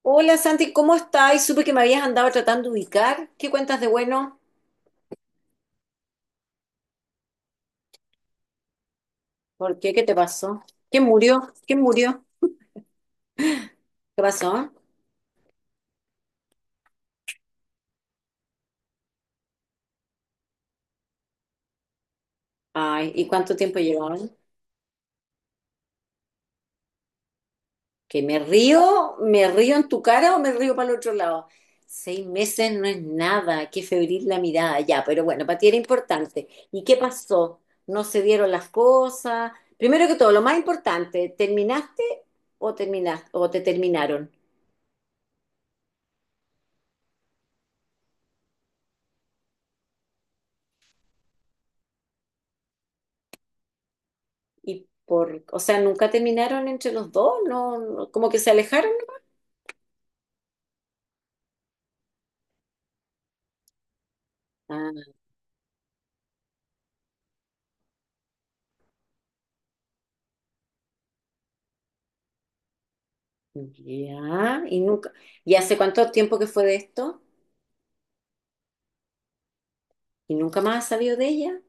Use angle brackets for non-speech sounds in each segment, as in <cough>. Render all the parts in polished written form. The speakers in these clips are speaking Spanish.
Hola Santi, ¿cómo estás? Y supe que me habías andado tratando de ubicar. ¿Qué cuentas de bueno? ¿Por qué? ¿Qué te pasó? ¿Quién murió? ¿Quién murió? ¿Qué pasó? Ay, ¿y cuánto tiempo llevaban? ¿Que me río? ¿Me río en tu cara o me río para el otro lado? 6 meses no es nada, qué febril la mirada, ya, pero bueno, para ti era importante. ¿Y qué pasó? ¿No se dieron las cosas? Primero que todo, lo más importante, ¿terminaste o te terminaron? Y por, o sea, nunca terminaron entre los dos, como que se alejaron. Ah, ya, y nunca, y hace cuánto tiempo que fue de esto, y nunca más has sabido de ella,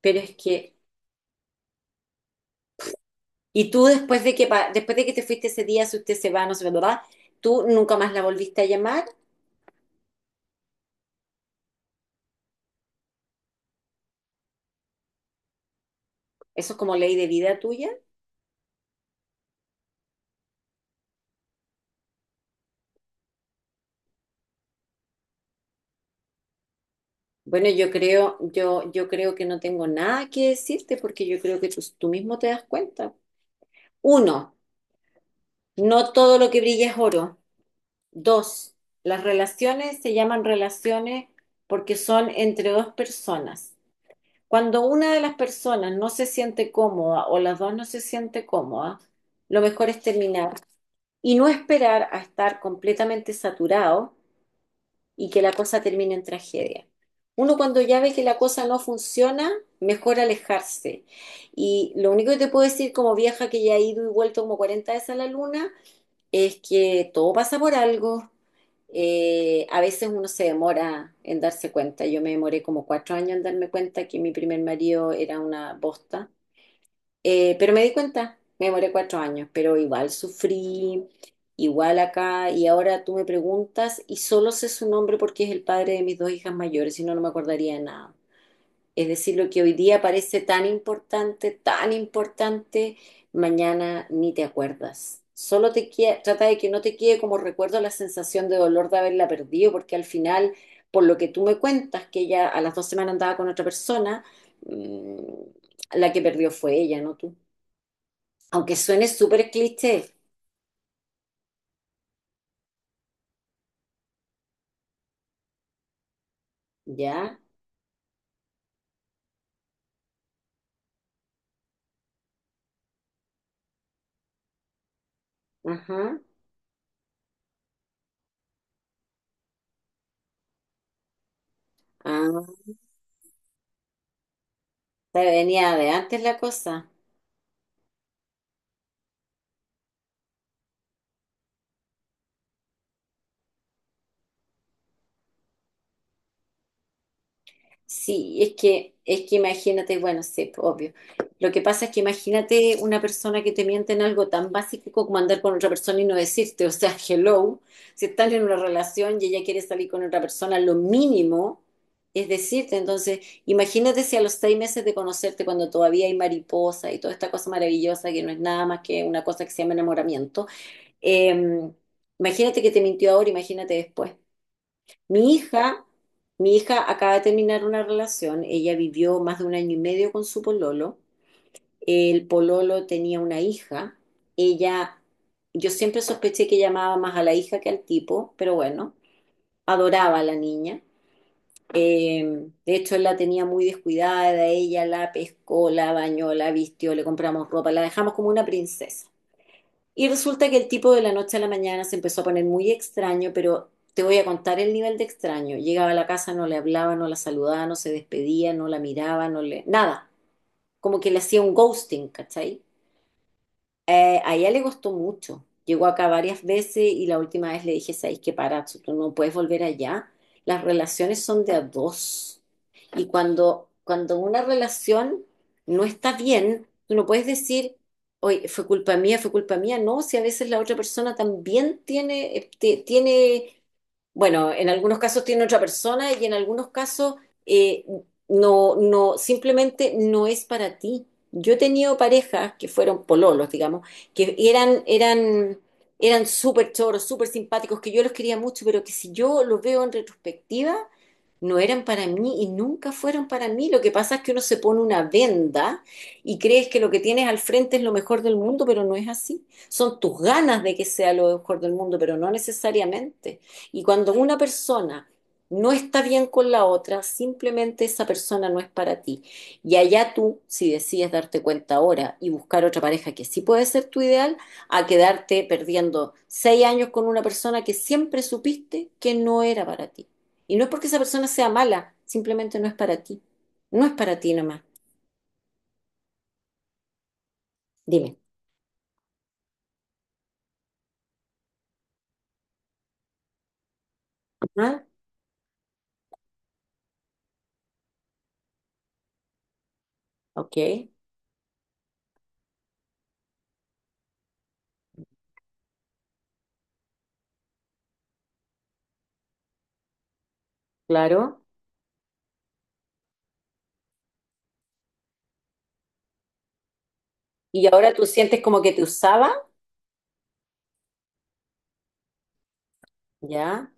pero es que, y tú después de que, después de que te fuiste ese día, si usted se va, no se va, ¿verdad? Tú nunca más la volviste a llamar, eso es como ley de vida tuya. Bueno, yo creo que no tengo nada que decirte porque yo creo que tú mismo te das cuenta. Uno, no todo lo que brilla es oro. Dos, las relaciones se llaman relaciones porque son entre dos personas. Cuando una de las personas no se siente cómoda o las dos no se siente cómoda, lo mejor es terminar y no esperar a estar completamente saturado y que la cosa termine en tragedia. Uno cuando ya ve que la cosa no funciona, mejor alejarse. Y lo único que te puedo decir como vieja que ya he ido y vuelto como 40 veces a la luna, es que todo pasa por algo. A veces uno se demora en darse cuenta. Yo me demoré como 4 años en darme cuenta que mi primer marido era una bosta. Pero me di cuenta, me demoré 4 años, pero igual sufrí, igual acá. Y ahora tú me preguntas y solo sé su nombre porque es el padre de mis dos hijas mayores, si no, no me acordaría de nada. Es decir, lo que hoy día parece tan importante, mañana ni te acuerdas. Solo trata de que no te quede como recuerdo la sensación de dolor de haberla perdido, porque al final, por lo que tú me cuentas, que ella a las 2 semanas andaba con otra persona, mm, la que perdió fue ella, no tú. Aunque suene súper cliché, ¿ya? Ajá. Ah, te venía de antes la cosa. Sí, es que imagínate, bueno, sí, pues, obvio. Lo que pasa es que imagínate una persona que te miente en algo tan básico como andar con otra persona y no decirte, o sea, <laughs> hello, si estás en una relación y ella quiere salir con otra persona, lo mínimo es decirte. Entonces, imagínate si a los 6 meses de conocerte, cuando todavía hay mariposa y toda esta cosa maravillosa que no es nada más que una cosa que se llama enamoramiento, eh, imagínate que te mintió ahora, imagínate después. Mi hija, mi hija acaba de terminar una relación, ella vivió más de un año y medio con su pololo, el pololo tenía una hija, ella, yo siempre sospeché que llamaba más a la hija que al tipo, pero bueno, adoraba a la niña. De hecho, él la tenía muy descuidada, ella la pescó, la bañó, la vistió, le compramos ropa, la dejamos como una princesa. Y resulta que el tipo de la noche a la mañana se empezó a poner muy extraño, pero te voy a contar el nivel de extraño. Llegaba a la casa, no le hablaba, no la saludaba, no se despedía, no la miraba, no le... nada. Como que le hacía un ghosting, ¿cachai? A ella le gustó mucho. Llegó acá varias veces y la última vez le dije, ¿sabes qué, Parazzo? Tú no puedes volver allá. Las relaciones son de a dos. Y cuando una relación no está bien, tú no puedes decir, oye, fue culpa mía, fue culpa mía. No, si a veces la otra persona también tiene bueno, en algunos casos tiene otra persona y en algunos casos eh, no, no, simplemente no es para ti. Yo he tenido parejas que fueron pololos, digamos, que eran súper choros, súper simpáticos, que yo los quería mucho, pero que si yo los veo en retrospectiva, no eran para mí y nunca fueron para mí. Lo que pasa es que uno se pone una venda y crees que lo que tienes al frente es lo mejor del mundo, pero no es así. Son tus ganas de que sea lo mejor del mundo, pero no necesariamente. Y cuando una persona no está bien con la otra, simplemente esa persona no es para ti. Y allá tú, si decides darte cuenta ahora y buscar otra pareja que sí puede ser tu ideal, a quedarte perdiendo 6 años con una persona que siempre supiste que no era para ti. Y no es porque esa persona sea mala, simplemente no es para ti. No es para ti nomás. Dime. Ajá, ok, claro. Y ahora tú sientes como que te usaba, ¿ya?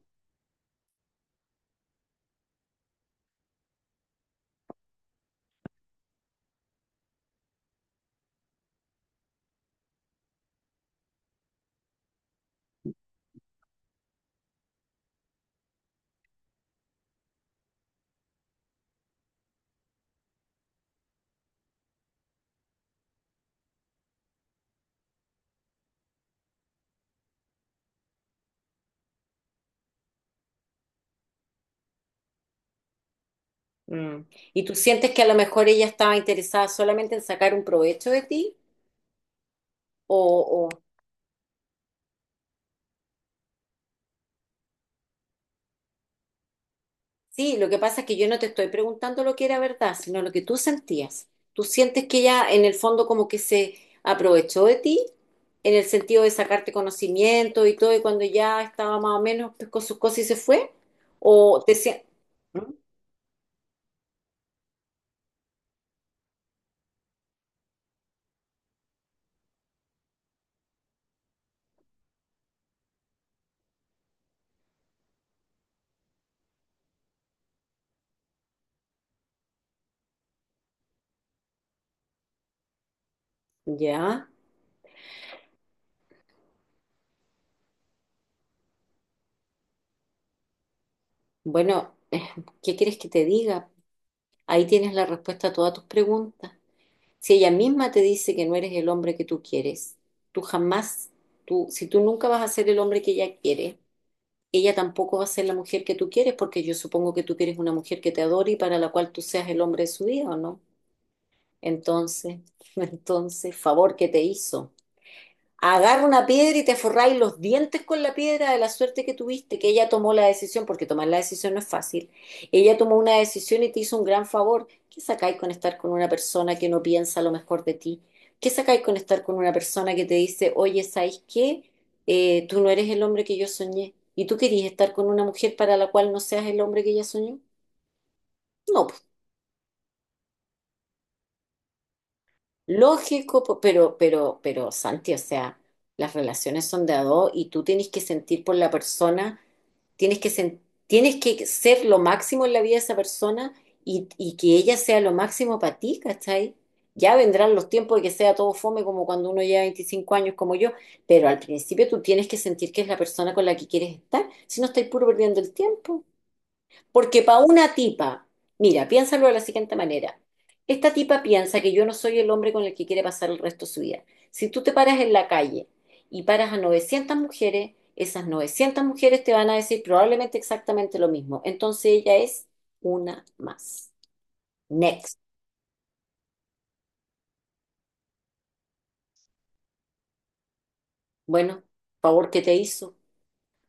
Mm. ¿Y tú sientes que a lo mejor ella estaba interesada solamente en sacar un provecho de ti? o, Sí, lo que pasa es que yo no te estoy preguntando lo que era verdad, sino lo que tú sentías. ¿Tú sientes que ella en el fondo como que se aprovechó de ti en el sentido de sacarte conocimiento y todo y cuando ya estaba más o menos pues, con sus cosas y se fue? ¿O te sien- ¿Mm? Ya, bueno, ¿qué quieres que te diga? Ahí tienes la respuesta a todas tus preguntas. Si ella misma te dice que no eres el hombre que tú quieres, tú jamás, tú, si tú nunca vas a ser el hombre que ella quiere, ella tampoco va a ser la mujer que tú quieres, porque yo supongo que tú quieres una mujer que te adore y para la cual tú seas el hombre de su vida, ¿o no? Entonces, <laughs> entonces, favor que te hizo. Agarra una piedra y te forráis los dientes con la piedra de la suerte que tuviste, que ella tomó la decisión, porque tomar la decisión no es fácil. Ella tomó una decisión y te hizo un gran favor. ¿Qué sacáis con estar con una persona que no piensa lo mejor de ti? ¿Qué sacáis con estar con una persona que te dice, oye, ¿sabes qué? Tú no eres el hombre que yo soñé. ¿Y tú querías estar con una mujer para la cual no seas el hombre que ella soñó? No, pues, lógico, pero, Santi, o sea, las relaciones son de a dos y tú tienes que sentir por la persona. Tienes que, sen- tienes que ser lo máximo en la vida de esa persona y que ella sea lo máximo para ti, ¿cachai? Ya vendrán los tiempos de que sea todo fome como cuando uno lleva 25 años como yo, pero al principio tú tienes que sentir que es la persona con la que quieres estar, si no estáis puro perdiendo el tiempo. Porque para una tipa, mira, piénsalo de la siguiente manera. Esta tipa piensa que yo no soy el hombre con el que quiere pasar el resto de su vida. Si tú te paras en la calle y paras a 900 mujeres, esas 900 mujeres te van a decir probablemente exactamente lo mismo. Entonces ella es una más. Next. Bueno, favor que te hizo,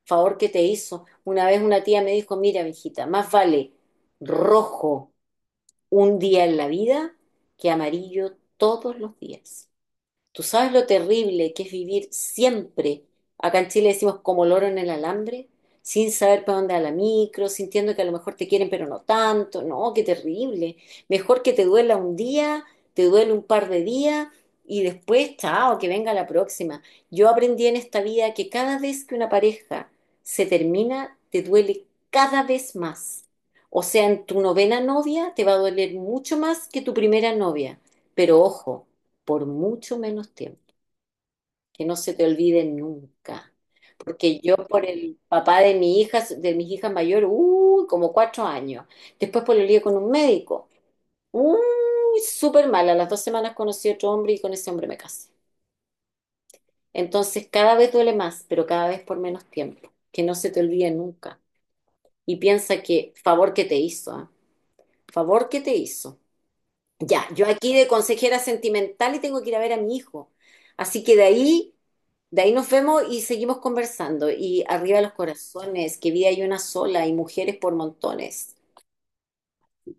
favor que te hizo. Una vez una tía me dijo, mira, mijita, más vale rojo un día en la vida que amarillo todos los días. ¿Tú sabes lo terrible que es vivir siempre? Acá en Chile decimos como loro en el alambre, sin saber para dónde va la micro, sintiendo que a lo mejor te quieren, pero no tanto. No, qué terrible. Mejor que te duela un día, te duele un par de días y después, chao, que venga la próxima. Yo aprendí en esta vida que cada vez que una pareja se termina, te duele cada vez más. O sea, en tu novena novia te va a doler mucho más que tu primera novia. Pero ojo, por mucho menos tiempo, que no se te olvide nunca. Porque yo por el papá de mi hija, de mis hijas mayores, uy, como 4 años. Después por el lío con un médico. Uy, súper mal. A las dos semanas conocí a otro hombre y con ese hombre me casé. Entonces cada vez duele más, pero cada vez por menos tiempo. Que no se te olvide nunca. Y piensa que favor que te hizo, ¿ah? Favor que te hizo. Ya, yo aquí de consejera sentimental y tengo que ir a ver a mi hijo. Así que de ahí nos vemos y seguimos conversando. Y arriba los corazones, que vida hay una sola y mujeres por montones. Que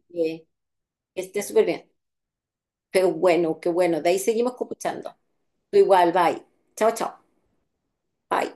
que esté súper bien. Pero bueno, qué bueno. De ahí seguimos escuchando. Tú igual, bye. Chao, chao. Bye.